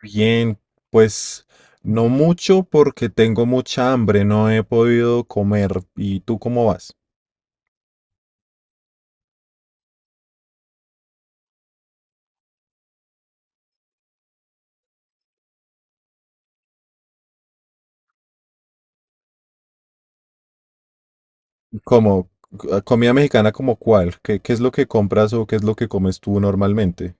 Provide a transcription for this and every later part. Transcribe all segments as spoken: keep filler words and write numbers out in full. Bien, pues no mucho porque tengo mucha hambre, no he podido comer. ¿Y tú cómo vas? ¿Cómo? c- ¿Comida mexicana como cuál? ¿Qué, qué es lo que compras o qué es lo que comes tú normalmente?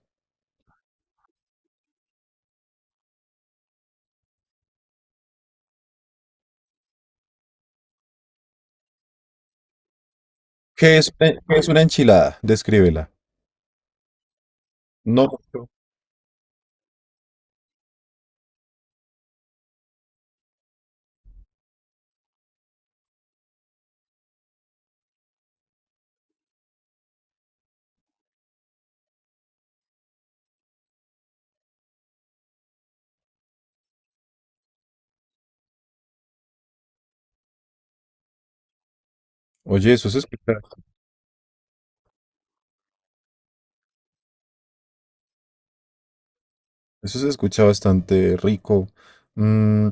¿Qué es, eh, qué es una enchilada? Descríbela. No. Oye, eso es espectacular. Eso se escucha bastante rico. Mm,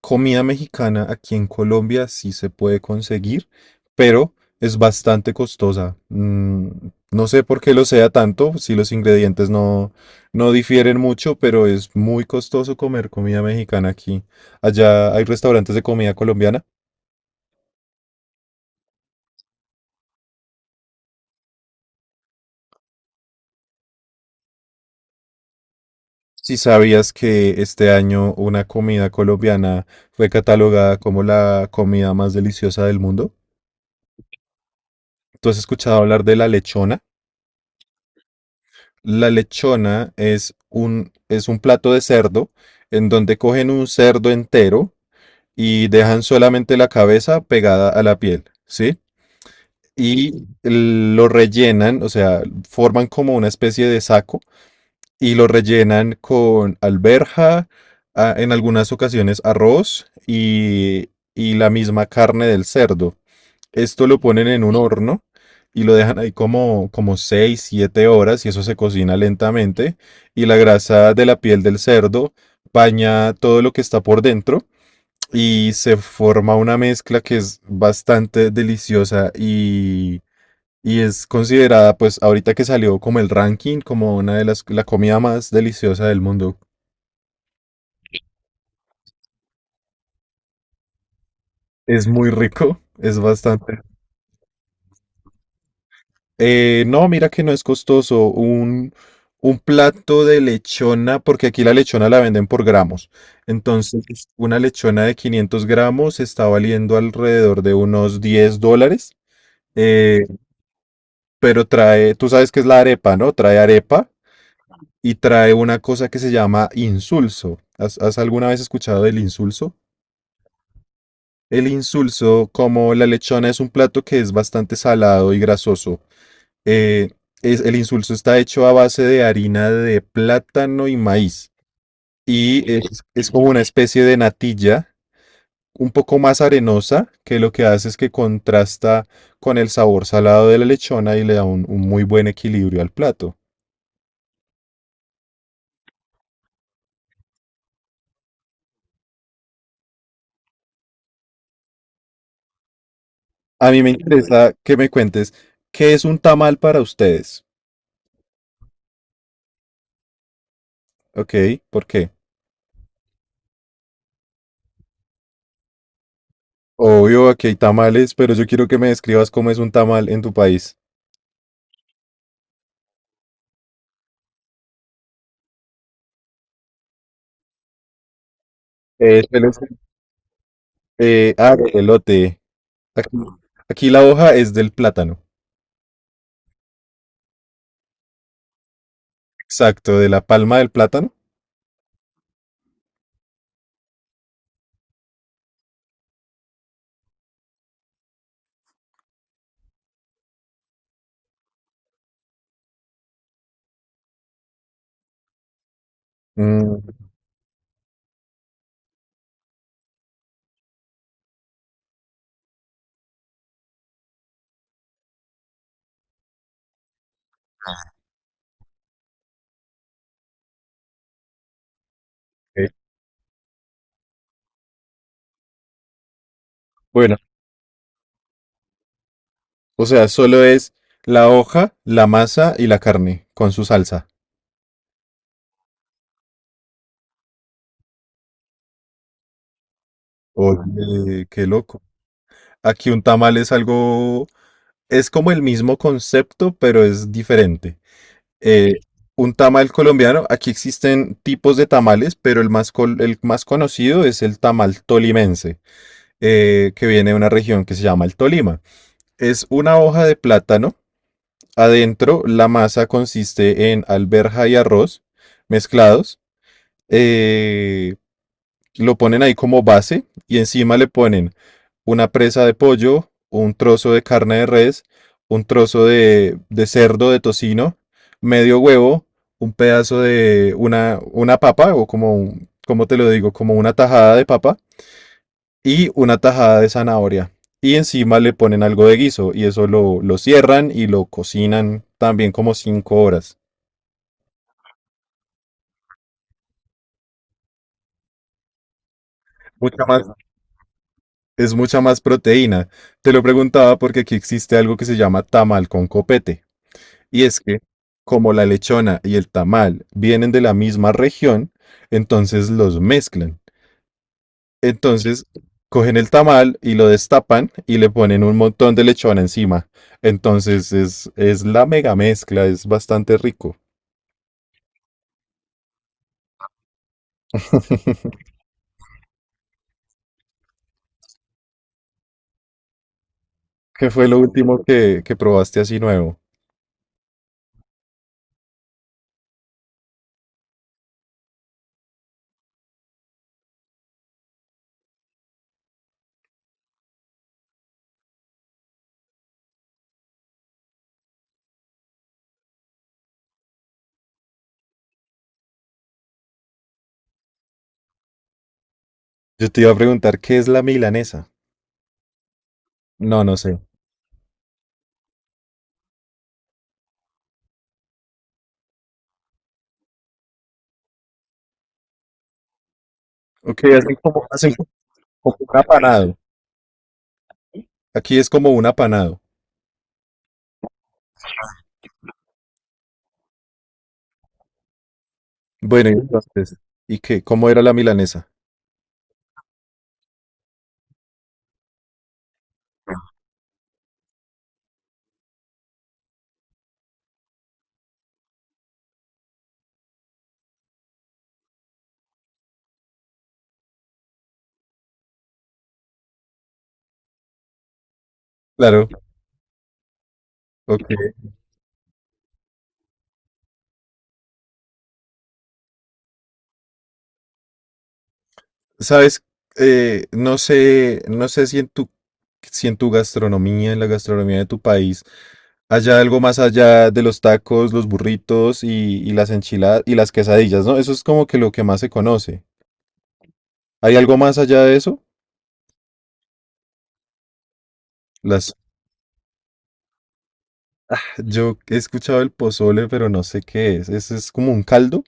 Comida mexicana aquí en Colombia sí se puede conseguir, pero es bastante costosa. Mm, no sé por qué lo sea tanto, si los ingredientes no, no difieren mucho, pero es muy costoso comer comida mexicana aquí. Allá hay restaurantes de comida colombiana. Si sabías que este año una comida colombiana fue catalogada como la comida más deliciosa del mundo, ¿tú has escuchado hablar de la lechona? La lechona es un, es un plato de cerdo en donde cogen un cerdo entero y dejan solamente la cabeza pegada a la piel, ¿sí? Y lo rellenan, o sea, forman como una especie de saco y lo rellenan con alberja, a- en algunas ocasiones arroz y, y la misma carne del cerdo. Esto lo ponen en un horno y lo dejan ahí como, como seis siete horas y eso se cocina lentamente y la grasa de la piel del cerdo baña todo lo que está por dentro y se forma una mezcla que es bastante deliciosa y, y es considerada pues ahorita que salió como el ranking como una de las la comida más deliciosa del mundo. Es muy rico, es bastante. Eh, no, mira que no es costoso. Un, un plato de lechona, porque aquí la lechona la venden por gramos. Entonces, una lechona de quinientos gramos está valiendo alrededor de unos diez dólares. eh, pero trae, tú sabes que es la arepa, ¿no? Trae arepa y trae una cosa que se llama insulso. ¿Has, has alguna vez escuchado del insulso? El insulso, como la lechona, es un plato que es bastante salado y grasoso. Eh, es, el insulso está hecho a base de harina de plátano y maíz. Y es, es como una especie de natilla, un poco más arenosa, que lo que hace es que contrasta con el sabor salado de la lechona y le da un, un muy buen equilibrio al plato. A mí me interesa que me cuentes qué es un tamal para ustedes. ¿Ok? ¿Por qué? Obvio, aquí hay tamales, pero yo quiero que me describas cómo es un tamal en tu país. Eh, suele ser- eh, ah, Elote. Aquí, aquí la hoja es del plátano. Exacto, de la palma del plátano. Mm, ok. Bueno, o sea, solo es la hoja, la masa y la carne con su salsa. Oye, qué loco. Aquí un tamal es algo, es como el mismo concepto, pero es diferente. Eh, un tamal colombiano, aquí existen tipos de tamales, pero el más, col- el más conocido es el tamal tolimense, eh, que viene de una región que se llama el Tolima. Es una hoja de plátano. Adentro, la masa consiste en alberja y arroz mezclados. eh, lo ponen ahí como base y encima le ponen una presa de pollo, un trozo de carne de res, un trozo de, de cerdo, de tocino, medio huevo, un pedazo de una, una papa o como, un- ¿cómo te lo digo? Como una tajada de papa y una tajada de zanahoria. Y encima le ponen algo de guiso y eso lo, lo cierran y lo cocinan también como cinco horas. Mucha más, es mucha más proteína. Te lo preguntaba porque aquí existe algo que se llama tamal con copete. Y es que, como la lechona y el tamal vienen de la misma región, entonces los mezclan. Entonces, cogen el tamal y lo destapan y le ponen un montón de lechona encima. Entonces, es, es la mega mezcla, es bastante rico. ¿Qué fue lo último que, que probaste así nuevo? Yo te iba a preguntar, ¿qué es la milanesa? No, no sé. Ok, hacen como, hacen como un apanado. Aquí es como un apanado. Bueno, y entonces, ¿y qué? ¿Cómo era la milanesa? Claro, ok. Sabes, Eh, no sé, no sé si en tu, si en tu gastronomía, en la gastronomía de tu país, haya algo más allá de los tacos, los burritos y, y las enchiladas y las quesadillas, ¿no? Eso es como que lo que más se conoce. ¿Hay algo más allá de eso? Las... Yo he escuchado el pozole, pero no sé qué es. ¿Ese es como un caldo?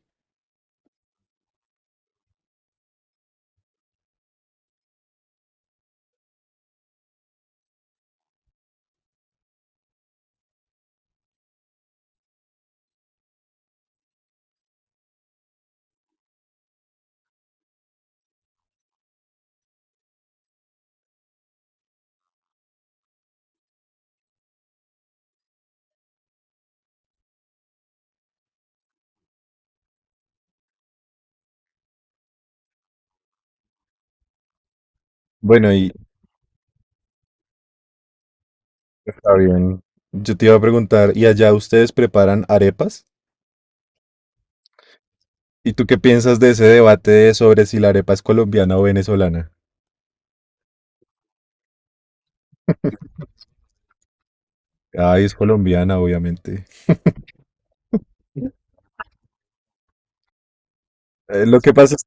Bueno, y está bien. Yo te iba a preguntar, ¿y allá ustedes preparan arepas? ¿Y tú qué piensas de ese debate de sobre si la arepa es colombiana o venezolana? Ay, es colombiana, obviamente. Eh, lo que pasa es,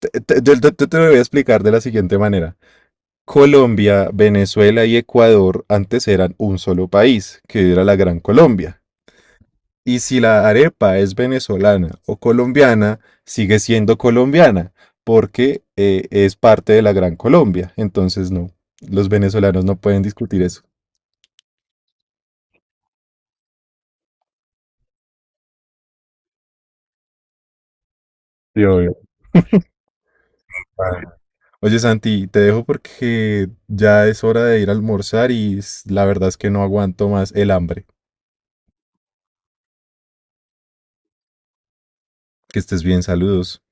te, te- yo- yo- yo te lo voy a explicar de la siguiente manera. Colombia, Venezuela y Ecuador antes eran un solo país, que era la Gran Colombia. Y si la arepa es venezolana o colombiana, sigue siendo colombiana, porque eh, es parte de la Gran Colombia. Entonces, no, los venezolanos no pueden discutir eso. Sí, obvio. Ah, Oye, Santi, te dejo porque ya es hora de ir a almorzar y s- la verdad es que no aguanto más el hambre. Que estés bien, saludos.